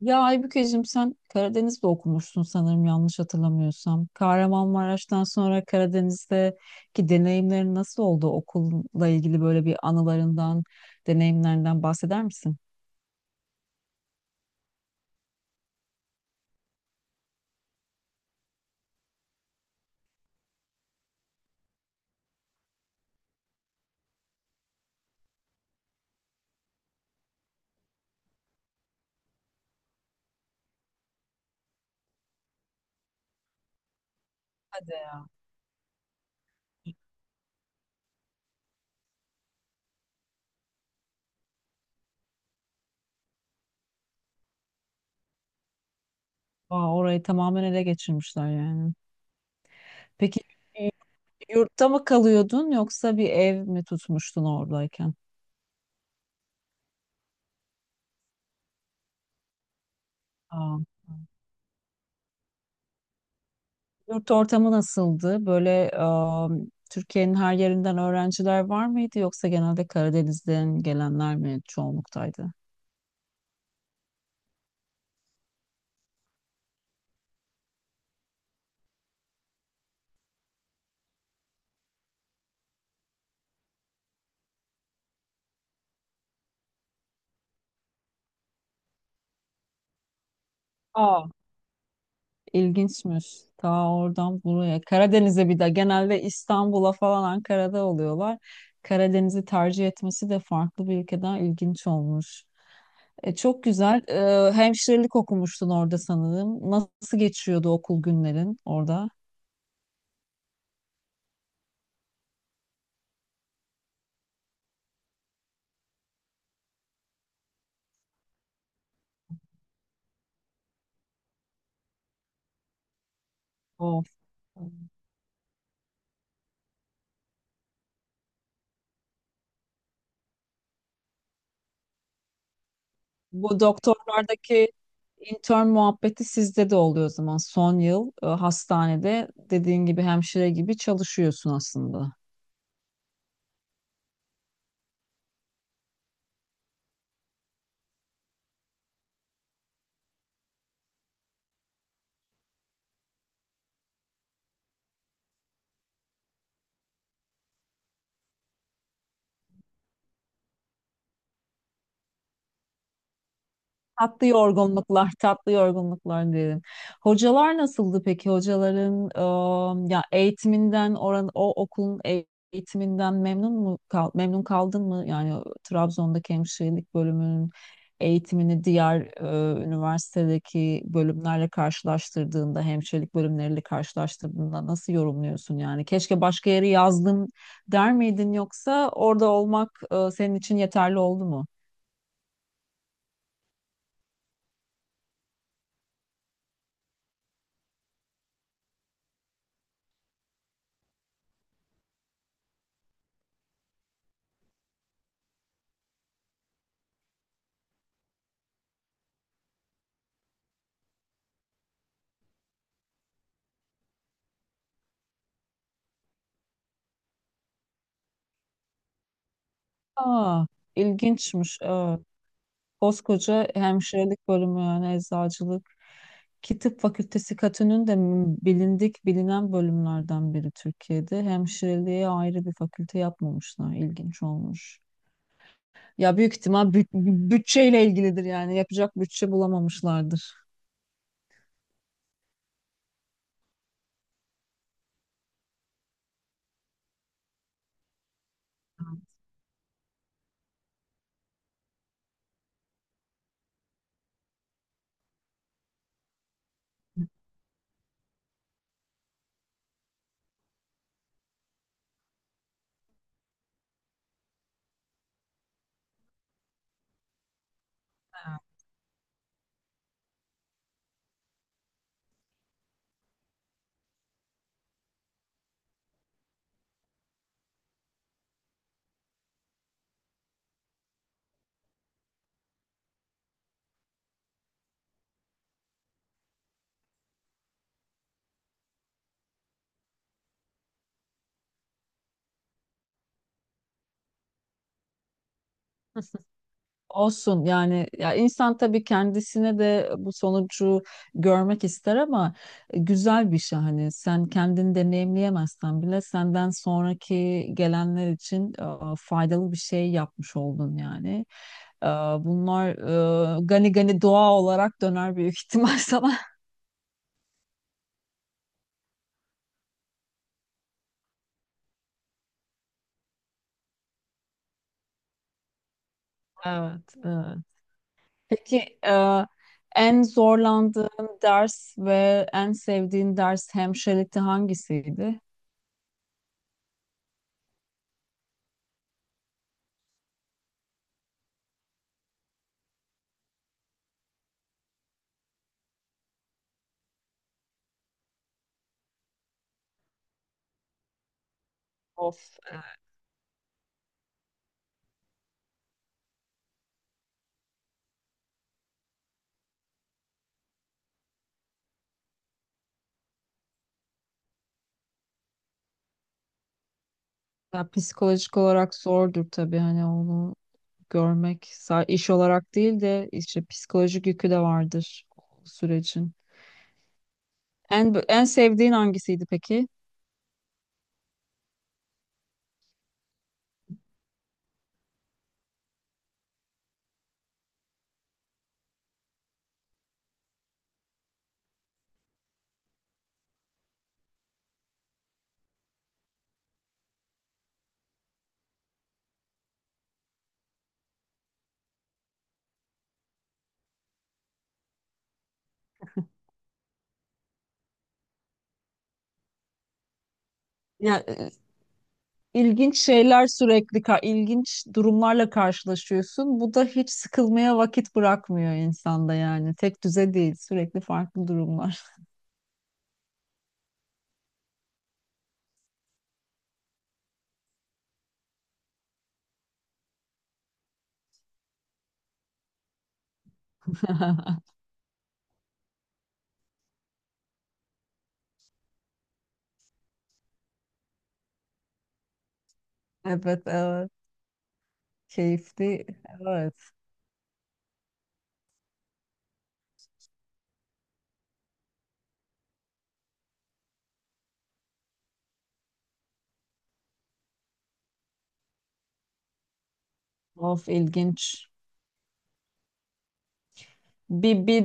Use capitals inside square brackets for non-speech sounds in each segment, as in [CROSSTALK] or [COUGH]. Ya Aybükeciğim sen Karadeniz'de okumuşsun sanırım yanlış hatırlamıyorsam. Kahramanmaraş'tan sonra Karadeniz'deki deneyimlerin nasıl oldu? Okulla ilgili böyle bir anılarından, deneyimlerinden bahseder misin? Hadi ya. Aa, orayı tamamen ele geçirmişler yani. Peki y- yurtta mı kalıyordun yoksa bir ev mi tutmuştun oradayken? Aa. Yurt ortamı nasıldı? Böyle Türkiye'nin her yerinden öğrenciler var mıydı yoksa genelde Karadeniz'den gelenler mi çoğunluktaydı? Aa, ilginçmiş. Ta oradan buraya. Karadeniz'e bir de genelde İstanbul'a falan Ankara'da oluyorlar. Karadeniz'i tercih etmesi de farklı bir ülkeden ilginç olmuş. Çok güzel. Hemşirelik okumuştun orada sanırım. Nasıl geçiyordu okul günlerin orada? Of. Bu doktorlardaki intern muhabbeti sizde de oluyor o zaman. Son yıl hastanede dediğin gibi hemşire gibi çalışıyorsun aslında. Tatlı yorgunluklar, tatlı yorgunluklar diyelim. Hocalar nasıldı peki? Hocaların ya eğitiminden oran o okulun eğitiminden memnun kaldın mı? Yani Trabzon'daki hemşirelik bölümünün eğitimini diğer üniversitedeki bölümlerle karşılaştırdığında, hemşirelik bölümleriyle karşılaştırdığında nasıl yorumluyorsun yani? Keşke başka yere yazdım der miydin yoksa orada olmak senin için yeterli oldu mu? Aa, ilginçmiş. Evet. Koskoca hemşirelik bölümü yani eczacılık ki tıp fakültesi katının da bilindik bilinen bölümlerden biri Türkiye'de. Hemşireliğe ayrı bir fakülte yapmamışlar. İlginç olmuş. Ya büyük ihtimal bütçeyle ilgilidir yani yapacak bütçe bulamamışlardır. Olsun yani ya insan tabii kendisine de bu sonucu görmek ister ama güzel bir şey hani sen kendini deneyimleyemezsen bile senden sonraki gelenler için faydalı bir şey yapmış oldun yani. E, Bunlar gani gani doğa olarak döner büyük ihtimal sana. [LAUGHS] Evet, evet. Peki en zorlandığın ders ve en sevdiğin ders hemşirelikte hangisiydi? Of. Ya psikolojik olarak zordur tabii hani onu iş olarak değil de işte psikolojik yükü de vardır o sürecin. En sevdiğin hangisiydi peki? Ya ilginç şeyler sürekli, ilginç durumlarla karşılaşıyorsun. Bu da hiç sıkılmaya vakit bırakmıyor insanda yani. Tek düze değil, sürekli farklı durumlar. [LAUGHS] Evet, evet. Keyifli. Evet. Of, ilginç. Bir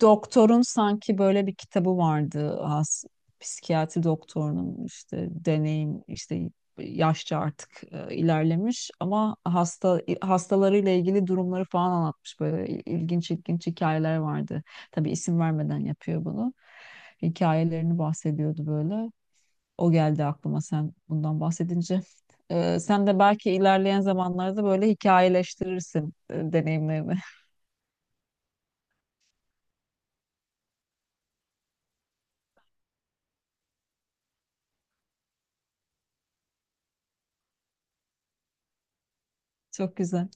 doktorun sanki böyle bir kitabı vardı. Psikiyatri doktorunun işte deneyim işte yaşça artık ilerlemiş ama hastalarıyla ilgili durumları falan anlatmış. Böyle ilginç ilginç hikayeler vardı. Tabii isim vermeden yapıyor bunu. Hikayelerini bahsediyordu böyle. O geldi aklıma sen bundan bahsedince. Sen de belki ilerleyen zamanlarda böyle hikayeleştirirsin deneyimlerini. [LAUGHS] Çok güzel.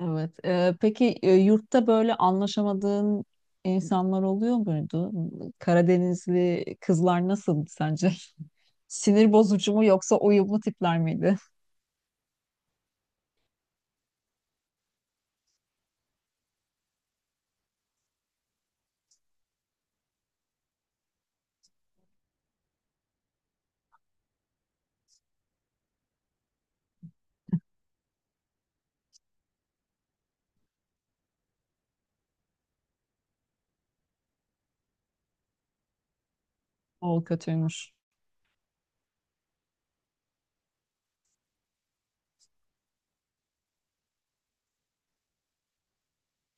Evet. Peki yurtta böyle anlaşamadığın insanlar oluyor muydu? Karadenizli kızlar nasıldı sence? [LAUGHS] Sinir bozucu mu yoksa uyumlu tipler miydi? O kötüymüş.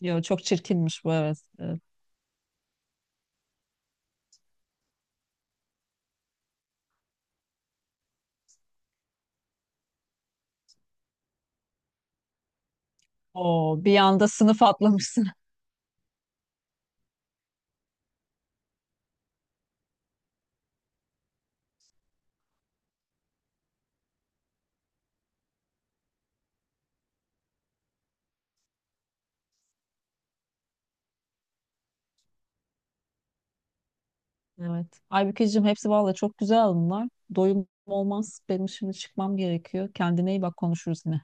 Yo, çok çirkinmiş bu, evet. Evet. Oo, bir anda sınıf atlamışsın. [LAUGHS] Evet. Aybükeciğim hepsi valla çok güzel bunlar. Doyum olmaz. Benim şimdi çıkmam gerekiyor. Kendine iyi bak, konuşuruz yine.